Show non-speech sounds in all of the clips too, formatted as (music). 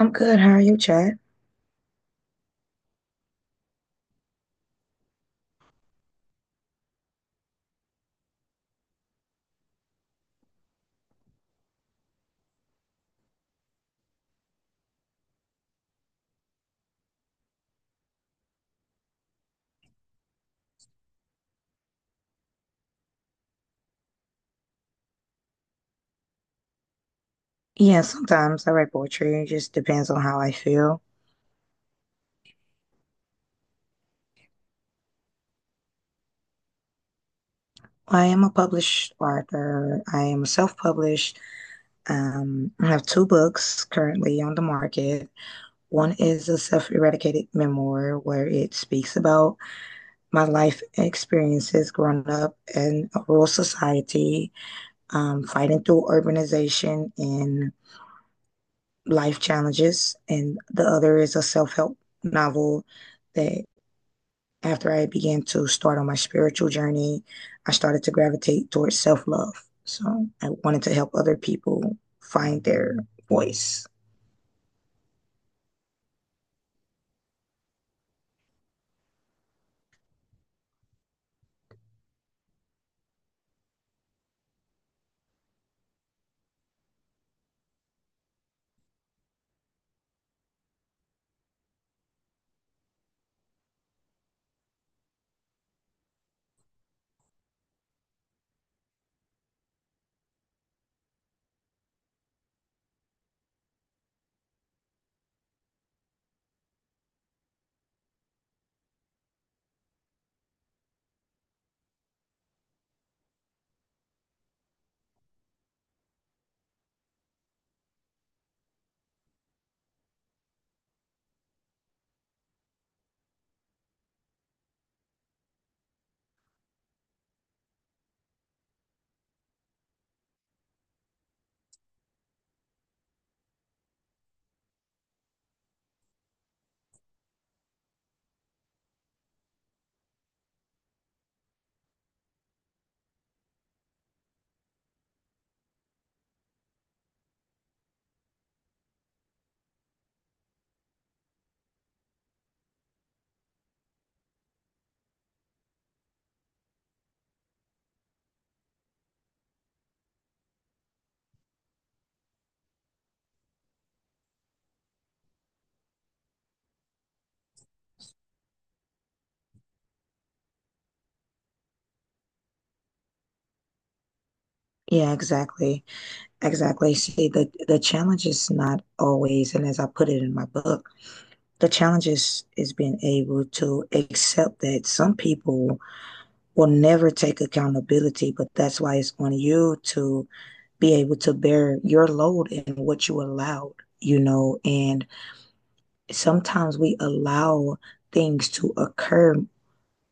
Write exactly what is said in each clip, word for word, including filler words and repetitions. I'm good. How are you, Chad? Yeah, sometimes I write poetry. It just depends on how I feel. I am a published author. I am self-published. Um, I have two books currently on the market. One is a self-eradicated memoir where it speaks about my life experiences growing up in a rural society, um, fighting through urbanization and life challenges. And the other is a self-help novel that, after I began to start on my spiritual journey, I started to gravitate towards self love. So I wanted to help other people find their voice. Yeah, exactly. Exactly. See, the the challenge is not always, and as I put it in my book, the challenge is is being able to accept that some people will never take accountability, but that's why it's on you to be able to bear your load and what you allowed, you know, and sometimes we allow things to occur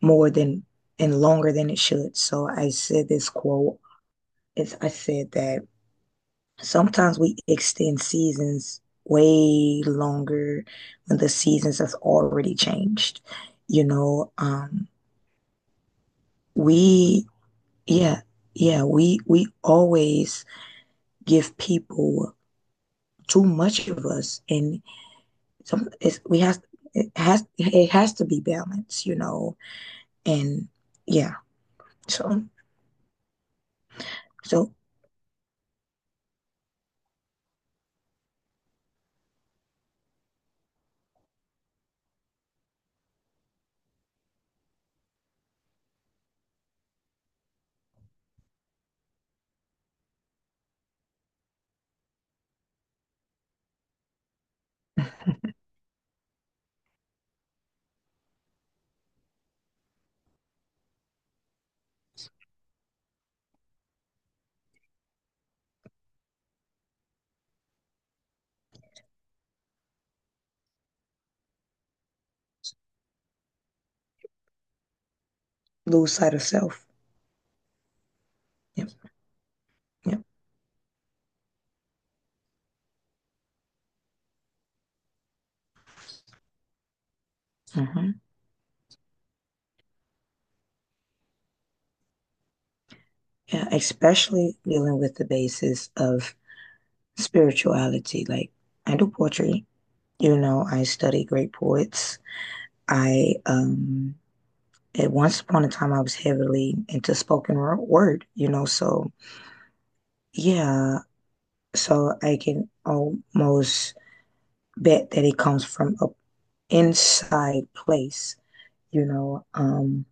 more than and longer than it should. So I said this quote. It's, I said that sometimes we extend seasons way longer when the seasons have already changed. You know, um, we yeah. Yeah, we we always give people too much of us, and some it's, we have it has it has to be balanced. You know, and yeah. So, so lose sight of self. Yep, yep. Hmm. Yeah, especially dealing with the basis of spirituality. Like I do poetry, you know, I study great poets. I um at once upon a time I was heavily into spoken word, you know, so yeah, so I can almost bet that it comes from an inside place, you know. Um,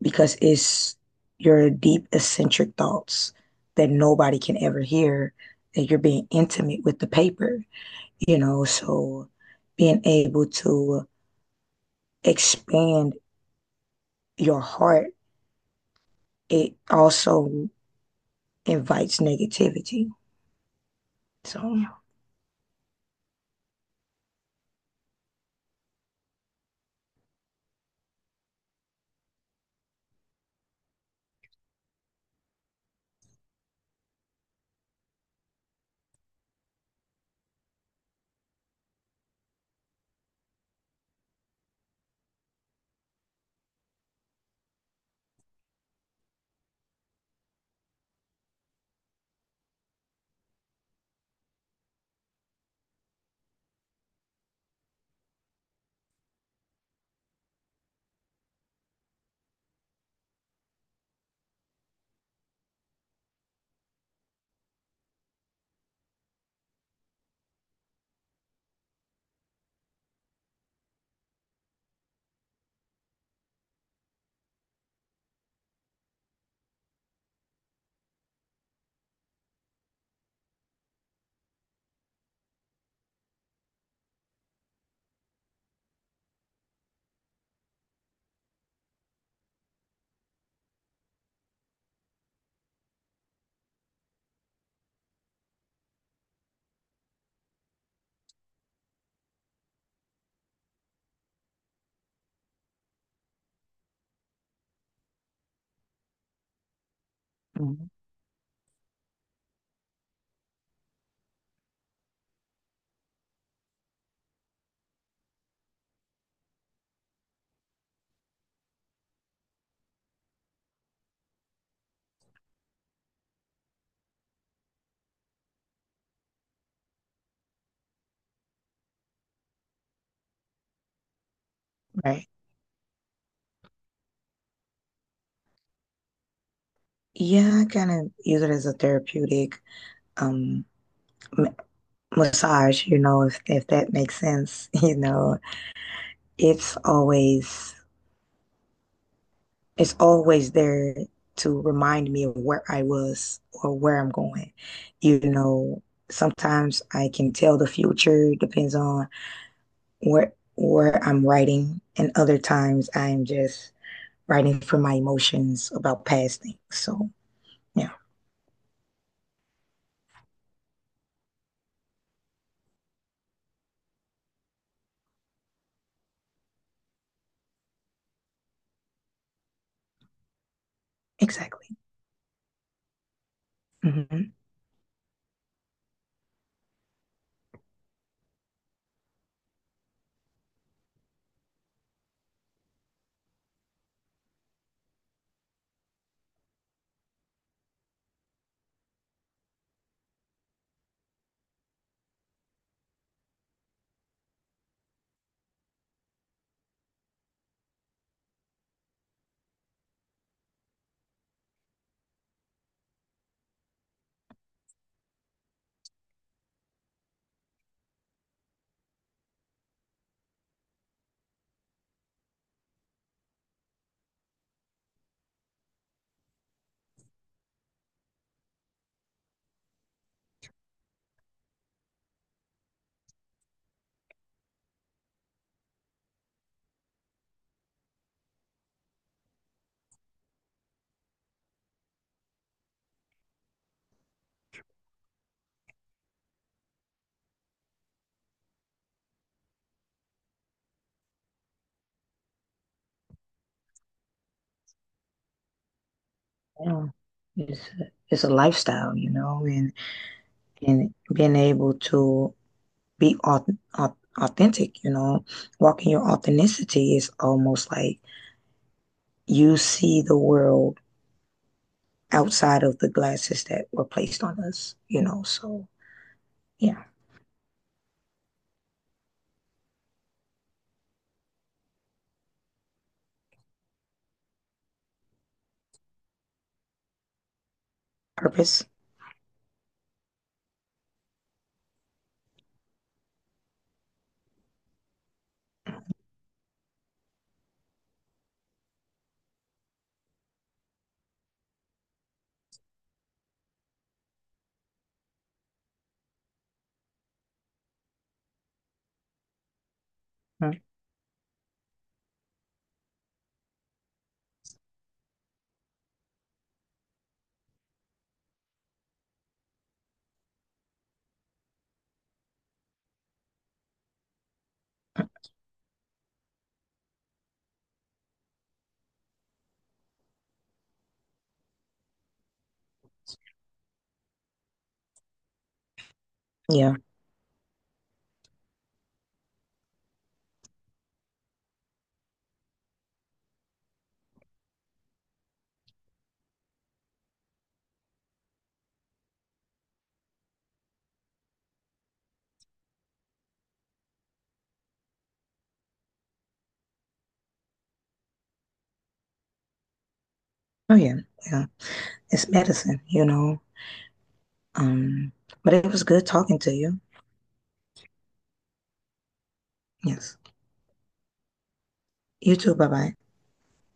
because it's your deep, eccentric thoughts that nobody can ever hear, that you're being intimate with the paper, you know. So being able to expand your heart, it also invites negativity. So, mhm, right. Yeah, I kind of use it as a therapeutic um massage, you know, if if that makes sense, (laughs) you know. It's always it's always there to remind me of where I was or where I'm going. You know, sometimes I can tell the future depends on where where I'm writing, and other times I'm just writing from my emotions about past things. So yeah, exactly. Hmm. Yeah, it's a, it's a lifestyle, you know, and and being able to be au- au- authentic, you know, walking your authenticity is almost like you see the world outside of the glasses that were placed on us, you know. So, yeah, purpose. Yeah. Oh, yeah. Yeah. It's medicine, you know. Um, but it was good talking to you. Yes. You too. Bye bye.